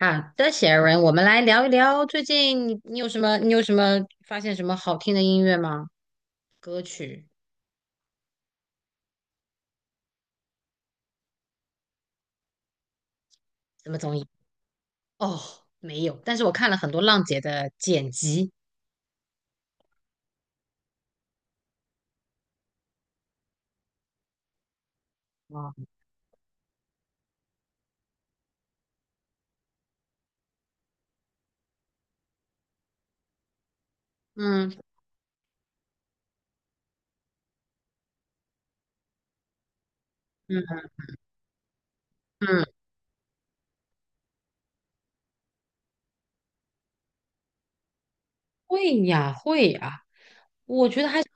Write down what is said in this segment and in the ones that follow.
好的，写文，我们来聊一聊最近你有什么发现什么好听的音乐吗？歌曲什么综艺？哦，没有，但是我看了很多浪姐的剪辑。哦，嗯嗯嗯，会呀会呀，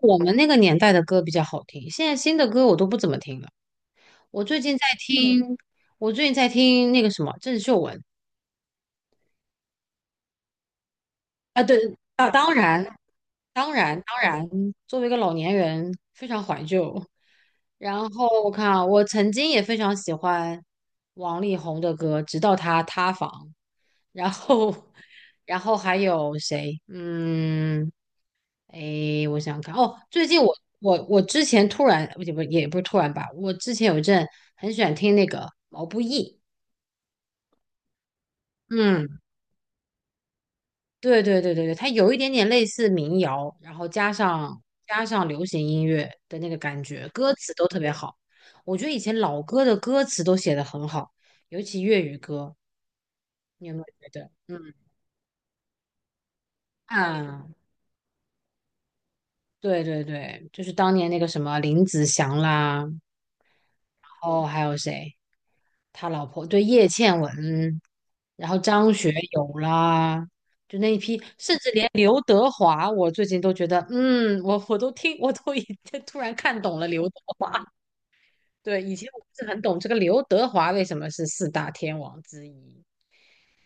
我们那个年代的歌比较好听，现在新的歌我都不怎么听了。我最近在听，我最近在听那个什么郑秀文。啊，对啊，当然，当然，当然，作为一个老年人，非常怀旧。然后我看啊，我曾经也非常喜欢王力宏的歌，直到他塌房。然后，然后还有谁？嗯，诶，我想想看哦，最近我之前突然，不是突然吧，我之前有一阵很喜欢听那个毛不易，嗯。对对对对对，它有一点点类似民谣，然后加上流行音乐的那个感觉，歌词都特别好。我觉得以前老歌的歌词都写的很好，尤其粤语歌，你有没有觉得？嗯啊，对对对，就是当年那个什么林子祥啦，然后还有谁？他老婆对叶倩文，然后张学友啦，就那一批，甚至连刘德华，我最近都觉得，嗯，我都听，我都已经突然看懂了刘德华。对，以前我不是很懂这个刘德华为什么是四大天王之一，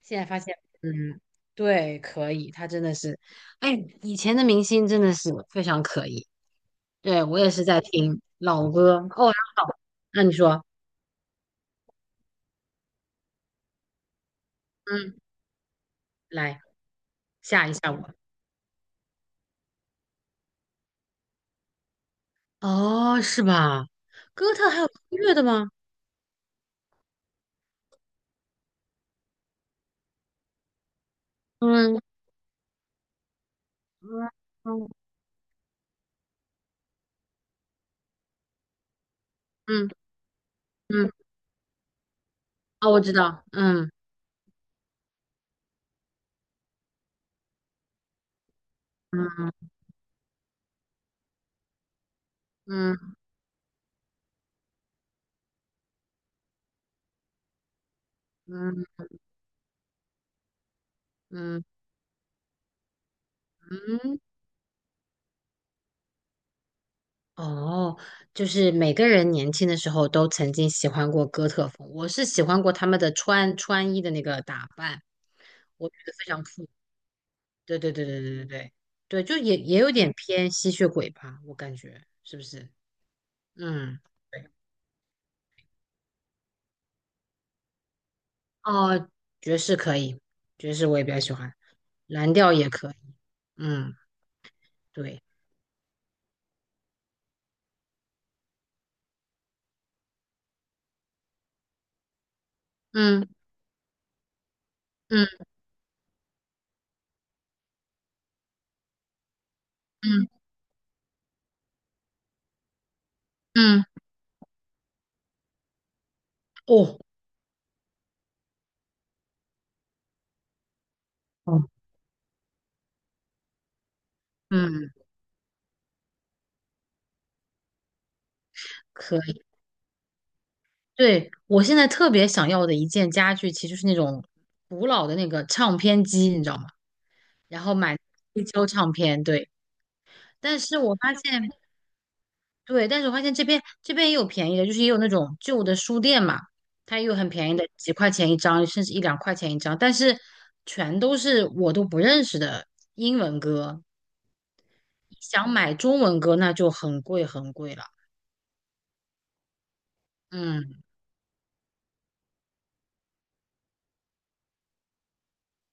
现在发现，嗯，对，可以，他真的是，哎，以前的明星真的是非常可以。对，我也是在听老歌哦，然后那你说，嗯，来吓一吓我。哦，是吧？哥特还有音乐的吗？嗯嗯，嗯嗯，啊，我知道，嗯嗯嗯嗯嗯嗯，哦，就是每个人年轻的时候都曾经喜欢过哥特风，我是喜欢过他们的穿衣的那个打扮，我觉得非常酷。对对对对对对对，对，就也有点偏吸血鬼吧，我感觉是不是？嗯。对。哦，爵士可以，爵士我也比较喜欢，蓝调也可以。嗯，对，嗯嗯嗯嗯，哦，哦，嗯，可以。对，我现在特别想要的一件家具，其实就是那种古老的那个唱片机，你知道吗？然后买黑胶唱片，对。但是我发现对，但是我发现这边也有便宜的，就是也有那种旧的书店嘛，它也有很便宜的，几块钱一张，甚至一两块钱一张，但是全都是我都不认识的英文歌。想买中文歌，那就很贵很贵了。嗯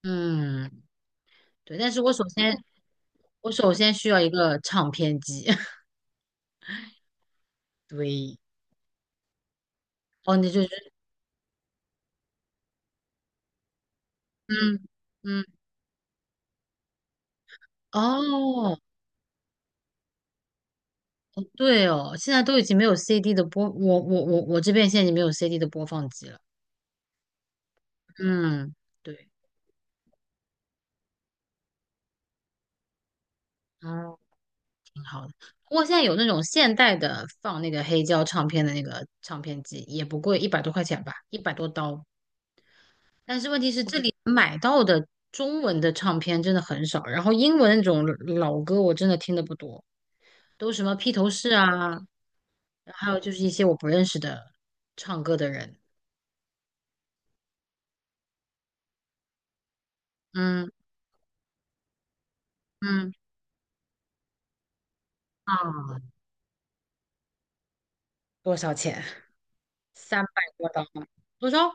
嗯，对，但是我首先需要一个唱片机。对，哦，你就是嗯嗯。哦，对哦，现在都已经没有 CD 的播，我这边现在已经没有 CD 的播放机了。嗯，对。哦，挺好的。不过现在有那种现代的放那个黑胶唱片的那个唱片机，也不贵，100多块钱吧，100多刀。但是问题是，这里买到的中文的唱片真的很少，然后英文那种老歌我真的听的不多，都什么披头士啊，然后还有就是一些我不认识的唱歌的人。嗯嗯啊，多少钱？300多刀吗？多少？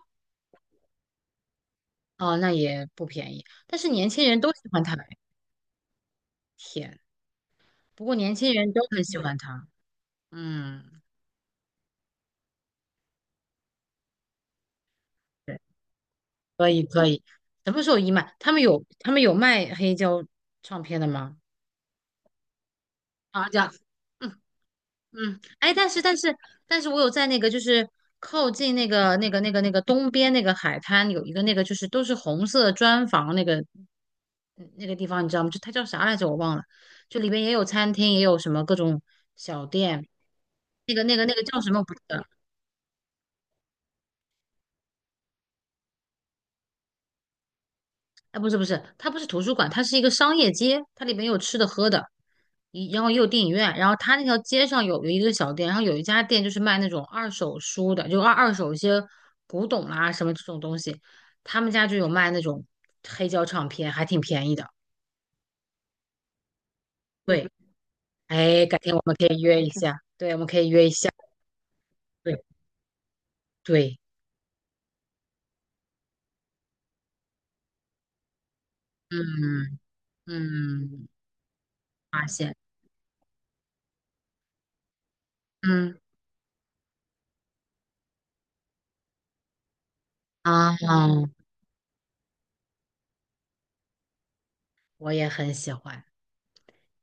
哦，那也不便宜。但是年轻人都喜欢他，天。不过年轻人都很喜欢他，嗯，对，可以可以。什么时候一卖？他们有卖黑胶唱片的吗？好的，嗯嗯。哎，但是我有在那个就是靠近那个东边那个海滩有一个那个就是都是红色砖房那个地方，你知道吗？就它叫啥来着？我忘了。就里边也有餐厅，也有什么各种小店。那个叫什么？我不知道。哎，不是不是，它不是图书馆，它是一个商业街，它里面有吃的喝的，然后也有电影院，然后它那条街上有一个小店，然后有一家店就是卖那种二手书的，就二手一些古董啦、什么这种东西，他们家就有卖那种黑胶唱片，还挺便宜的。对，哎，改天我们可以约一下，对，我们可以约一下，对对，嗯嗯，发现，嗯啊，我也很喜欢。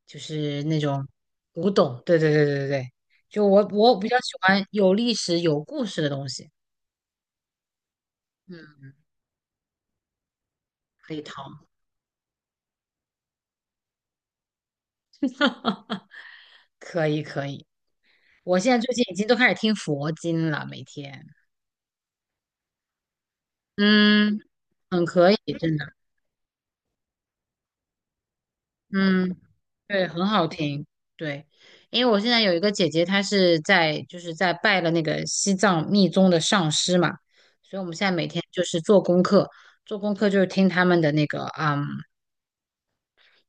就是那种古董。对对对对对对，就我比较喜欢有历史有故事的东西。嗯，可以淘，可以可以。我现在最近已经都开始听佛经了，每天，嗯，很可以，真的，嗯，对，很好听，对，因为我现在有一个姐姐，她是在就是在拜了那个西藏密宗的上师嘛，所以我们现在每天就是做功课，做功课就是听他们的那个，嗯。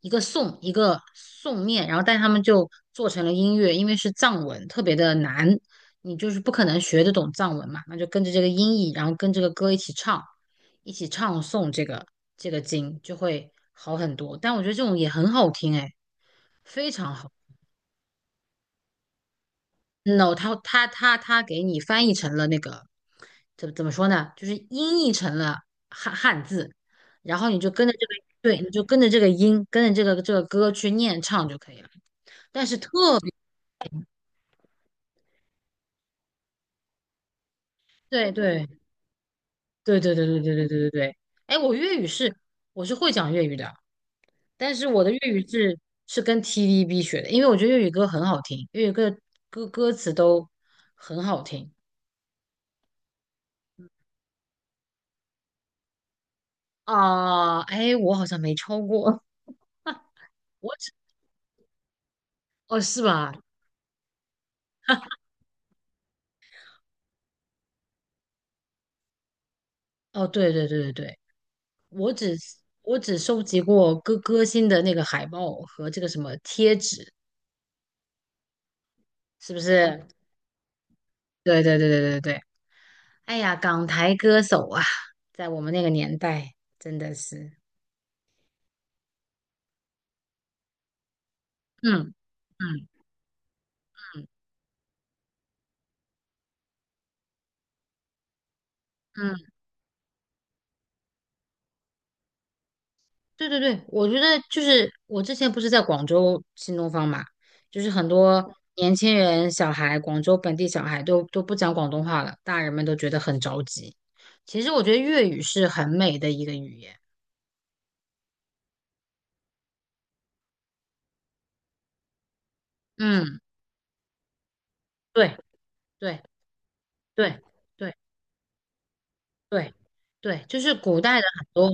一个颂一个颂念，然后但是他们就做成了音乐，因为是藏文，特别的难，你就是不可能学得懂藏文嘛，那就跟着这个音译，然后跟这个歌一起唱，一起唱诵这个经就会好很多。但我觉得这种也很好听，哎，非常好。no，他给你翻译成了那个怎么说呢？就是音译成了汉字，然后你就跟着这个，对，你就跟着这个音，跟着这个歌去念唱就可以了。对对。对对对对对对对对对。哎，我是会讲粤语的，但是我的粤语是是跟 TVB 学的，因为我觉得粤语歌很好听，粤语歌歌词都很好听啊。哎，我好像没超过，我只哦是吧？哦，对对对对对，我只我只收集过歌星的那个海报和这个什么贴纸，是不是？对对对对对对。哎呀，港台歌手啊，在我们那个年代真的是。嗯嗯嗯，对对对，我觉得就是我之前不是在广州新东方嘛，就是很多年轻人、小孩，广州本地小孩都不讲广东话了，大人们都觉得很着急。其实我觉得粤语是很美的一个语言。嗯，对对对对对对，就是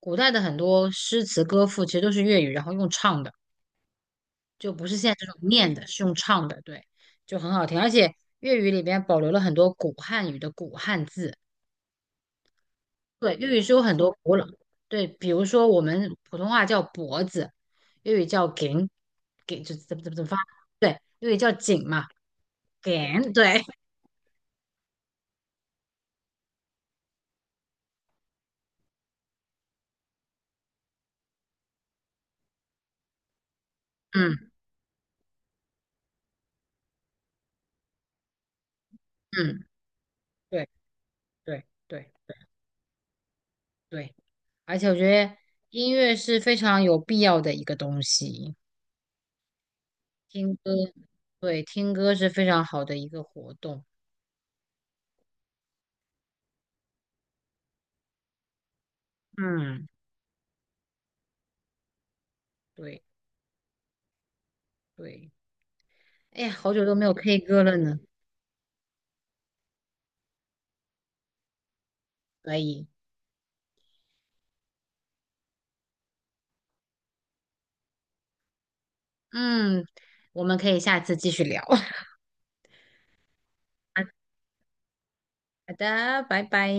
古代的很多诗词歌赋其实都是粤语，然后用唱的。就不是现在这种念的，是用唱的，对，就很好听。而且粤语里边保留了很多古汉语的古汉字，对，粤语是有很多古老，对，比如说我们普通话叫脖子，粤语叫颈，颈就怎么发，对，粤语叫颈嘛，颈，对，嗯嗯，对对对对，而且我觉得音乐是非常有必要的一个东西，听歌，对，听歌是非常好的一个活动，嗯，对。对，哎呀，好久都没有 K 歌了呢，可以，嗯，我们可以下次继续聊。好的，拜拜。